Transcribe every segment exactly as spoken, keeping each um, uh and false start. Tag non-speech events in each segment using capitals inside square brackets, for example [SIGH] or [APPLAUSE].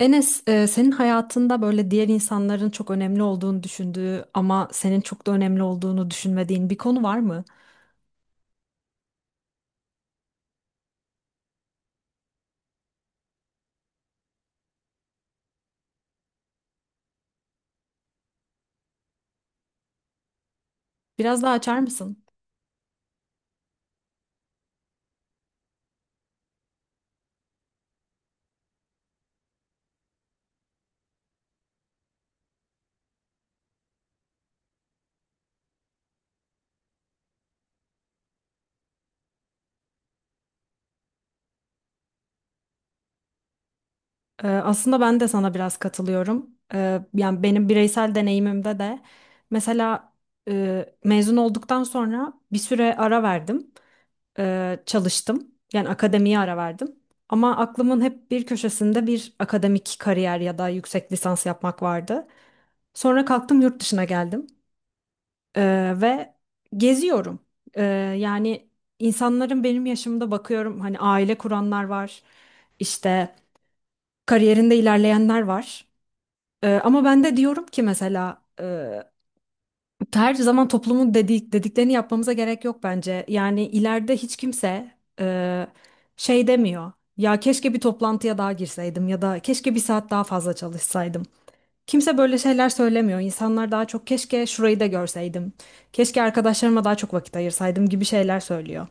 Enes, e, senin hayatında böyle diğer insanların çok önemli olduğunu düşündüğü ama senin çok da önemli olduğunu düşünmediğin bir konu var mı? Biraz daha açar mısın? E, aslında ben de sana biraz katılıyorum. E, yani benim bireysel deneyimimde de mesela e, mezun olduktan sonra bir süre ara verdim, E, çalıştım. Yani akademiye ara verdim. Ama aklımın hep bir köşesinde bir akademik kariyer ya da yüksek lisans yapmak vardı. Sonra kalktım yurt dışına geldim. Ee, ve geziyorum. Ee, Yani insanların benim yaşımda bakıyorum, hani aile kuranlar var, işte kariyerinde ilerleyenler var. Ee, ama ben de diyorum ki mesela e, her zaman toplumun dedik, dediklerini yapmamıza gerek yok bence. Yani ileride hiç kimse e, şey demiyor. Ya keşke bir toplantıya daha girseydim ya da keşke bir saat daha fazla çalışsaydım. Kimse böyle şeyler söylemiyor. İnsanlar daha çok keşke şurayı da görseydim. Keşke arkadaşlarıma daha çok vakit ayırsaydım gibi şeyler söylüyor.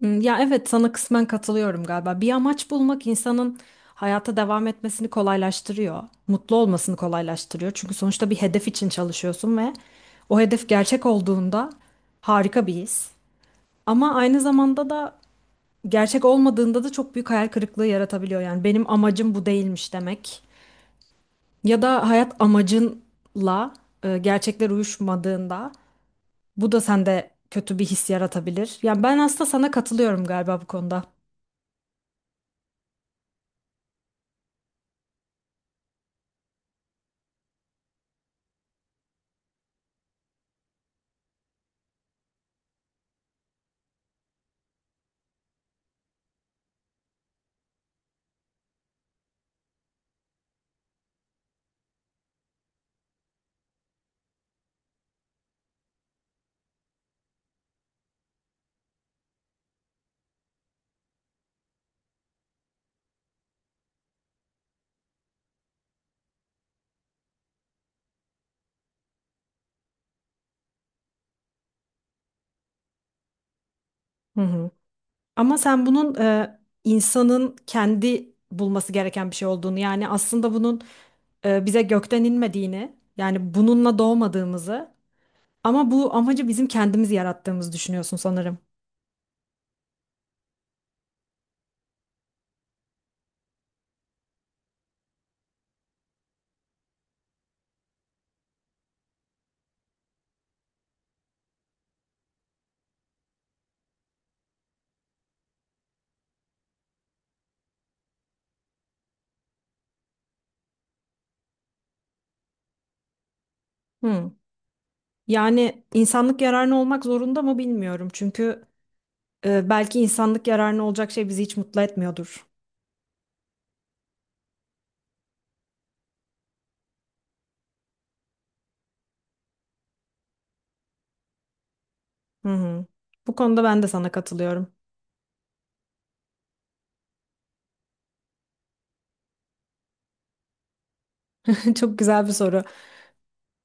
Hmm. Ya evet, sana kısmen katılıyorum galiba. Bir amaç bulmak insanın hayata devam etmesini kolaylaştırıyor. Mutlu olmasını kolaylaştırıyor. Çünkü sonuçta bir hedef için çalışıyorsun ve o hedef gerçek olduğunda harika bir his. Ama aynı zamanda da gerçek olmadığında da çok büyük hayal kırıklığı yaratabiliyor. Yani benim amacım bu değilmiş demek. Ya da hayat amacınla e, gerçekler uyuşmadığında bu da sende kötü bir his yaratabilir. Yani ben aslında sana katılıyorum galiba bu konuda. Hı hı. Ama sen bunun e, insanın kendi bulması gereken bir şey olduğunu, yani aslında bunun e, bize gökten inmediğini, yani bununla doğmadığımızı, ama bu amacı bizim kendimiz yarattığımızı düşünüyorsun sanırım. Hı. Yani insanlık yararına olmak zorunda mı bilmiyorum. Çünkü e, belki insanlık yararına olacak şey bizi hiç mutlu etmiyordur. Hı hı. Bu konuda ben de sana katılıyorum. [LAUGHS] Çok güzel bir soru.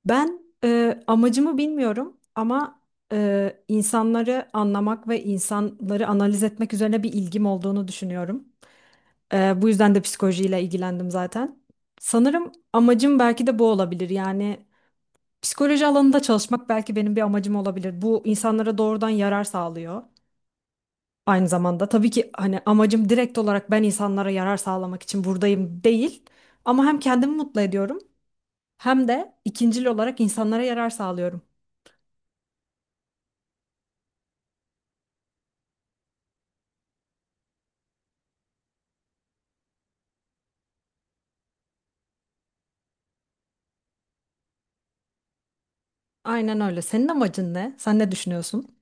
Ben e, amacımı bilmiyorum ama e, insanları anlamak ve insanları analiz etmek üzerine bir ilgim olduğunu düşünüyorum. E, bu yüzden de psikolojiyle ilgilendim zaten. Sanırım amacım belki de bu olabilir. Yani psikoloji alanında çalışmak belki benim bir amacım olabilir. Bu insanlara doğrudan yarar sağlıyor. Aynı zamanda tabii ki hani amacım direkt olarak ben insanlara yarar sağlamak için buradayım değil. Ama hem kendimi mutlu ediyorum hem de ikincil olarak insanlara yarar sağlıyorum. Aynen öyle. Senin amacın ne? Sen ne düşünüyorsun?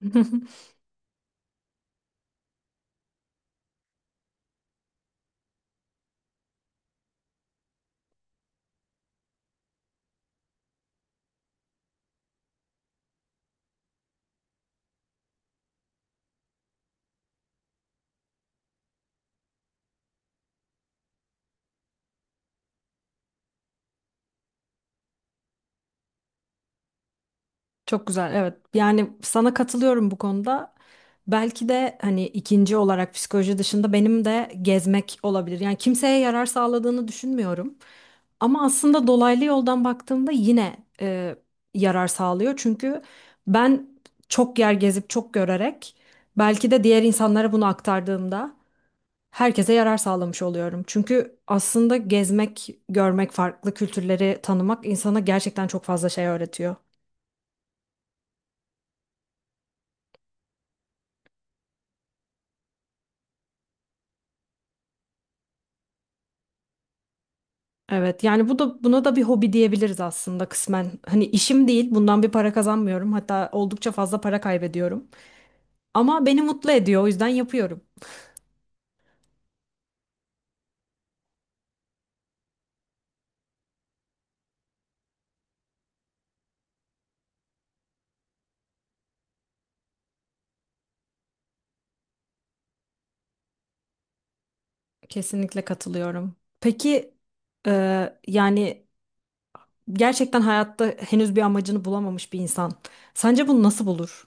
[LAUGHS] Çok güzel, evet. Yani sana katılıyorum bu konuda. Belki de hani ikinci olarak psikoloji dışında benim de gezmek olabilir. Yani kimseye yarar sağladığını düşünmüyorum. Ama aslında dolaylı yoldan baktığımda yine e, yarar sağlıyor. Çünkü ben çok yer gezip çok görerek belki de diğer insanlara bunu aktardığımda herkese yarar sağlamış oluyorum. Çünkü aslında gezmek, görmek, farklı kültürleri tanımak insana gerçekten çok fazla şey öğretiyor. Evet, yani bu da buna da bir hobi diyebiliriz aslında kısmen. Hani işim değil, bundan bir para kazanmıyorum. Hatta oldukça fazla para kaybediyorum. Ama beni mutlu ediyor, o yüzden yapıyorum. Kesinlikle katılıyorum. Peki e, yani gerçekten hayatta henüz bir amacını bulamamış bir insan. Sence bunu nasıl bulur?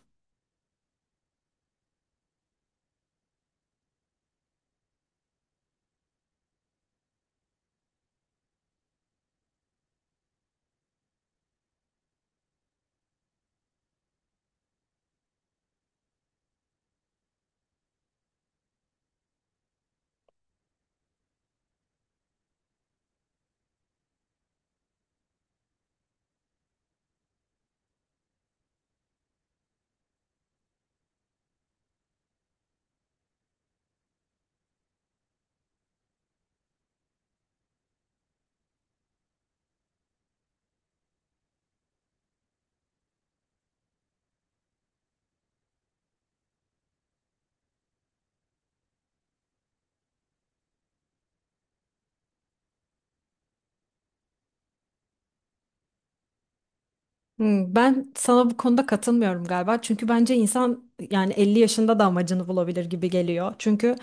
Hmm. Ben sana bu konuda katılmıyorum galiba. Çünkü bence insan yani elli yaşında da amacını bulabilir gibi geliyor. Çünkü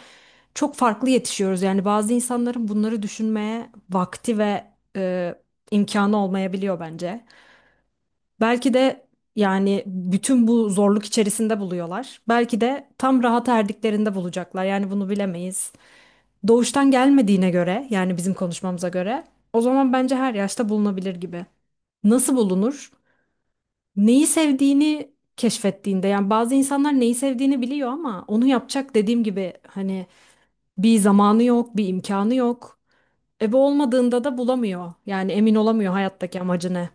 çok farklı yetişiyoruz. Yani bazı insanların bunları düşünmeye vakti ve e, imkanı olmayabiliyor bence. Belki de yani bütün bu zorluk içerisinde buluyorlar. Belki de tam rahat erdiklerinde bulacaklar. Yani bunu bilemeyiz. Doğuştan gelmediğine göre, yani bizim konuşmamıza göre, o zaman bence her yaşta bulunabilir gibi. Nasıl bulunur? Neyi sevdiğini keşfettiğinde. Yani bazı insanlar neyi sevdiğini biliyor ama onu yapacak, dediğim gibi hani, bir zamanı yok, bir imkanı yok. E bu olmadığında da bulamıyor. Yani emin olamıyor hayattaki amacı ne.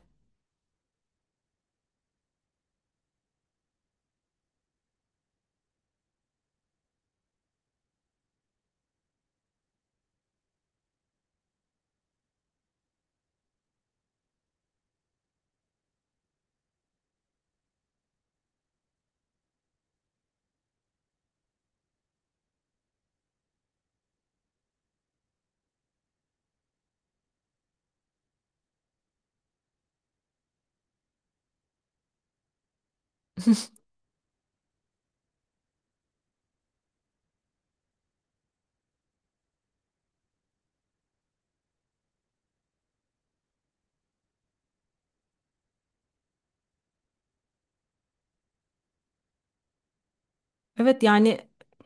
Evet yani.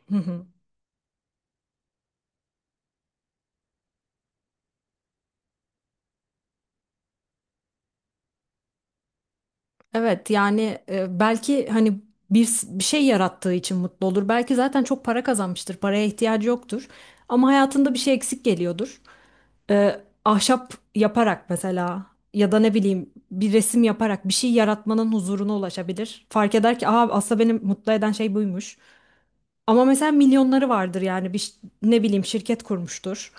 Hı hı. Evet yani, e, belki hani bir, s- bir şey yarattığı için mutlu olur. Belki zaten çok para kazanmıştır. Paraya ihtiyacı yoktur. Ama hayatında bir şey eksik geliyordur. E, ahşap yaparak mesela, ya da ne bileyim bir resim yaparak bir şey yaratmanın huzuruna ulaşabilir. Fark eder ki aa, aslında beni mutlu eden şey buymuş. Ama mesela milyonları vardır, yani bir ş- ne bileyim şirket kurmuştur.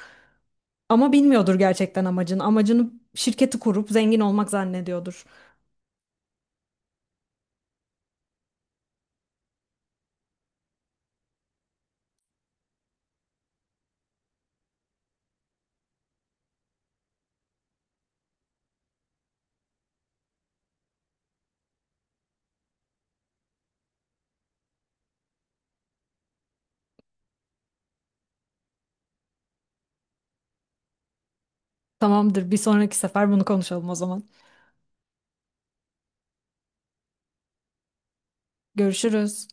Ama bilmiyordur gerçekten amacını. Amacını şirketi kurup zengin olmak zannediyordur. Tamamdır, bir sonraki sefer bunu konuşalım o zaman. Görüşürüz.